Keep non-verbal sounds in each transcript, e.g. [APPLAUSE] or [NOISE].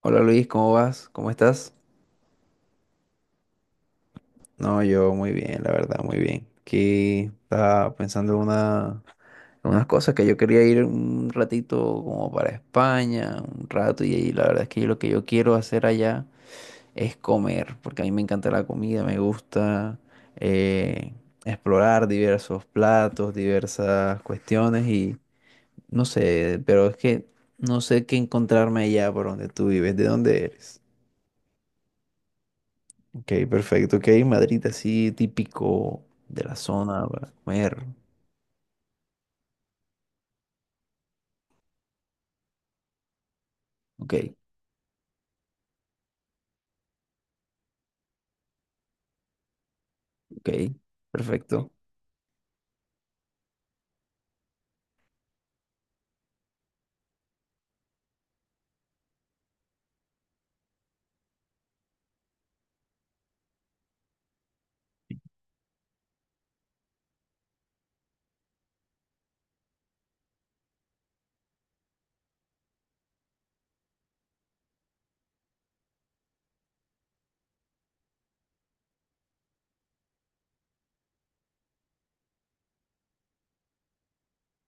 Hola Luis, ¿cómo vas? ¿Cómo estás? No, yo muy bien, la verdad, muy bien. Aquí estaba pensando en una, en unas cosas que yo quería ir un ratito como para España, un rato, y ahí la verdad es que yo lo que yo quiero hacer allá es comer, porque a mí me encanta la comida, me gusta eh, explorar diversos platos, diversas cuestiones y no sé, pero es que no sé qué encontrarme allá por donde tú vives, ¿de dónde eres? Ok, perfecto. Ok, Madrid así típico de la zona para comer. Ok, ok, perfecto.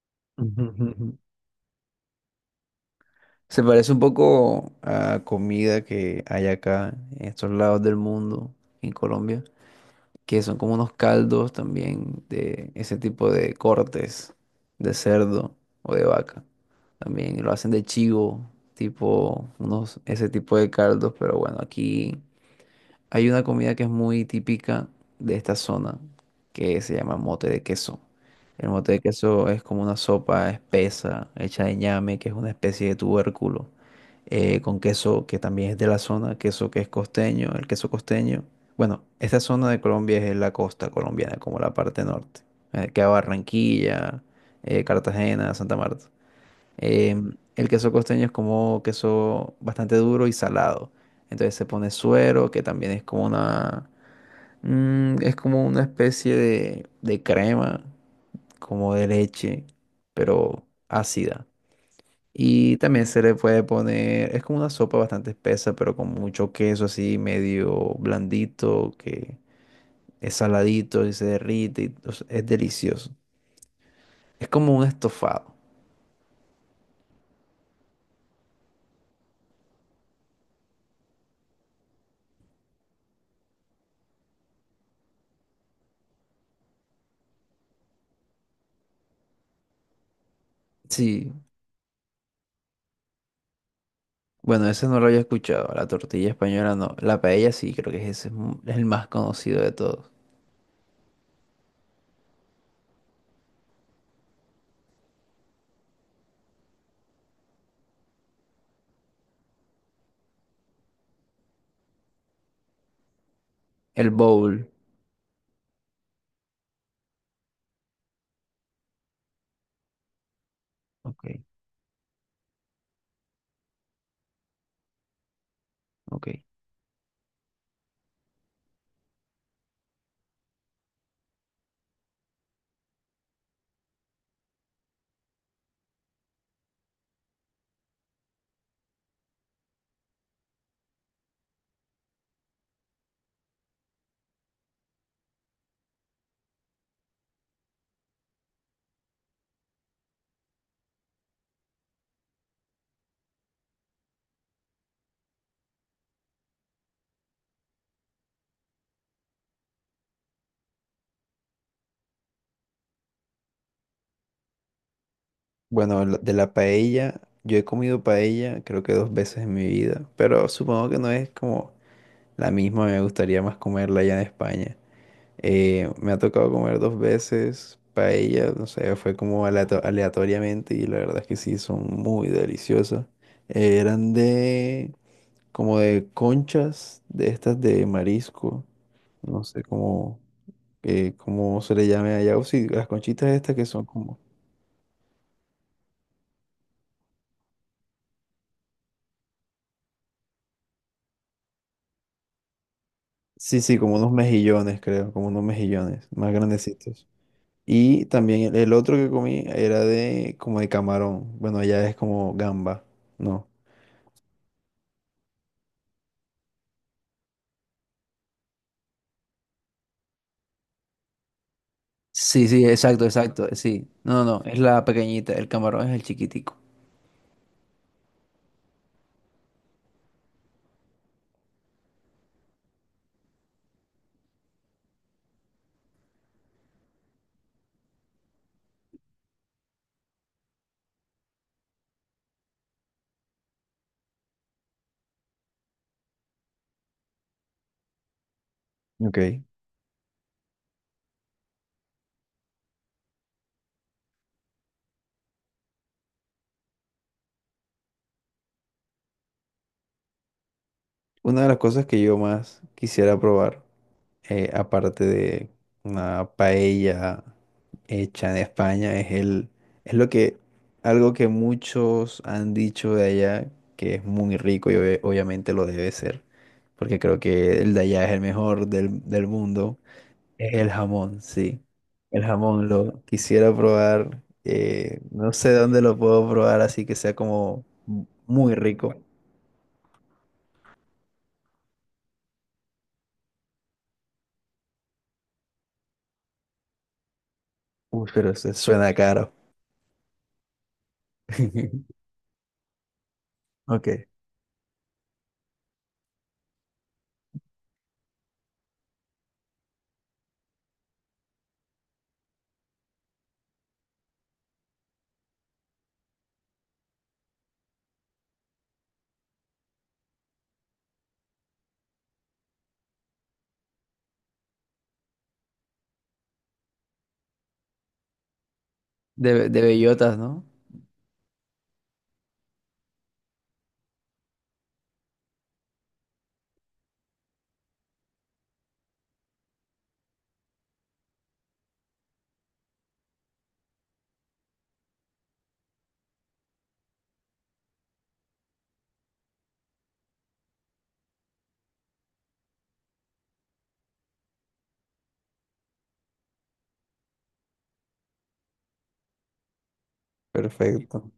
[LAUGHS] Ujú, ujú, ujú. Se parece un poco a comida que hay acá en estos lados del mundo, en Colombia, que son como unos caldos también de ese tipo de cortes de cerdo o de vaca. También lo hacen de chivo, tipo unos, ese tipo de caldos, pero bueno, aquí. Hay una comida que es muy típica de esta zona que se llama mote de queso. El mote de queso es como una sopa espesa hecha de ñame, que es una especie de tubérculo, con queso que también es de la zona, queso que es costeño, el queso costeño. Bueno, esta zona de Colombia es la costa colombiana, como la parte norte, que va Barranquilla, Cartagena, Santa Marta. Eh, el queso costeño es como queso bastante duro y salado. Entonces se pone suero, que también es como una, es como una especie de crema, como de leche, pero ácida. Y también se le puede poner, es como una sopa bastante espesa, pero con mucho queso así medio blandito, que es saladito y se derrite, y, o sea, es delicioso. Es como un estofado. Sí. Bueno, ese no lo había escuchado. La tortilla española no. La paella sí, creo que ese es mu- es el más conocido de todos. El bowl. Ok, ok. Bueno, la- de la paella, yo he comido paella creo que dos veces en mi vida, pero supongo que no es como la misma, me gustaría más comerla allá en España. Me ha tocado comer dos veces paella, no sé, fue como aleato- aleatoriamente y la verdad es que sí, son muy deliciosas. Eran de... como de conchas de estas de marisco, no sé cómo, cómo se le llame allá, o sí, las conchitas estas que son como, sí, sí, como unos mejillones, creo, como unos mejillones más grandecitos. Y también el otro que comí era de como de camarón, bueno, allá es como gamba, ¿no? Sí, sí, exacto, exacto, sí. No, no, no, es la pequeñita, el camarón es el chiquitico. Ok. Una de las cosas que yo más quisiera probar. Aparte de una paella hecha en España, es el, es lo que, algo que muchos han dicho de allá, que es muy rico y obvia- obviamente lo debe ser, porque creo que el de allá es el mejor del, del mundo, es el jamón, sí. El jamón lo quisiera probar, no sé dónde lo puedo probar, así que sea como mu- muy rico. Uy, pero se suena caro. [LAUGHS] Ok. De bellotas, ¿no? Perfecto.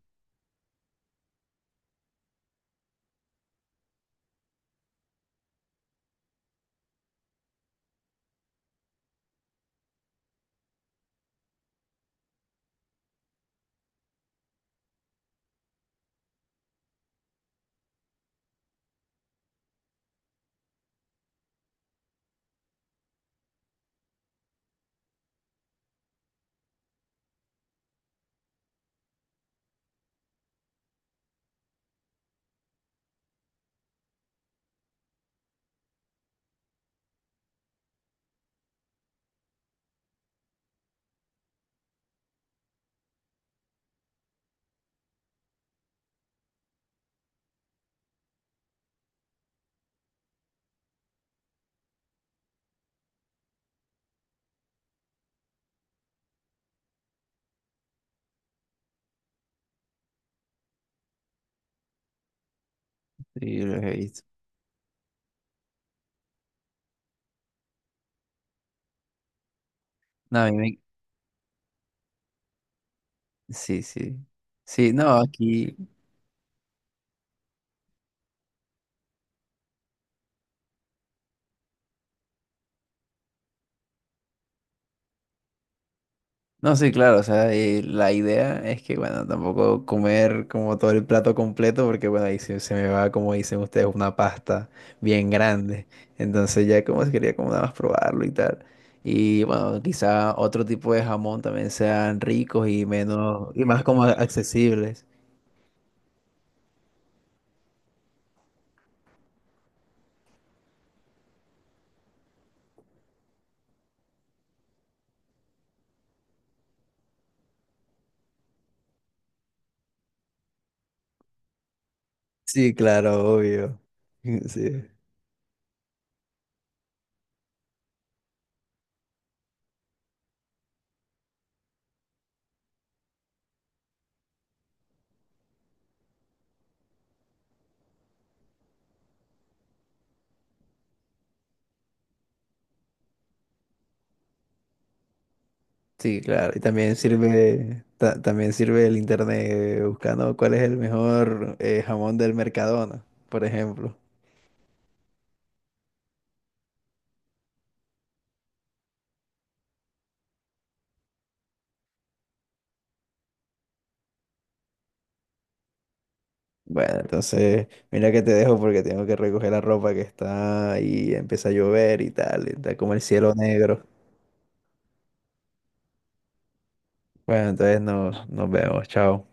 Sí, los he visto. No, a mí me... Sí, sí. Sí, no, aquí... No, sí, claro, o sea, la idea es que, bueno, tampoco comer como todo el plato completo, porque, bueno, ahí se, se me va, como dicen ustedes, una pasta bien grande. Entonces ya como se quería como nada más probarlo y tal. Y, bueno, quizá otro tipo de jamón también sean ricos y menos... y más como accesibles. Sí, claro, obvio. [LAUGHS] Sí. Sí, claro, y también sirve, ta- también sirve el internet buscando cuál es el mejor jamón del Mercadona, por ejemplo. Bueno, entonces, mira que te dejo porque tengo que recoger la ropa que está y empieza a llover y tal, y está como el cielo negro. Bueno, entonces nos, nos vemos, chao.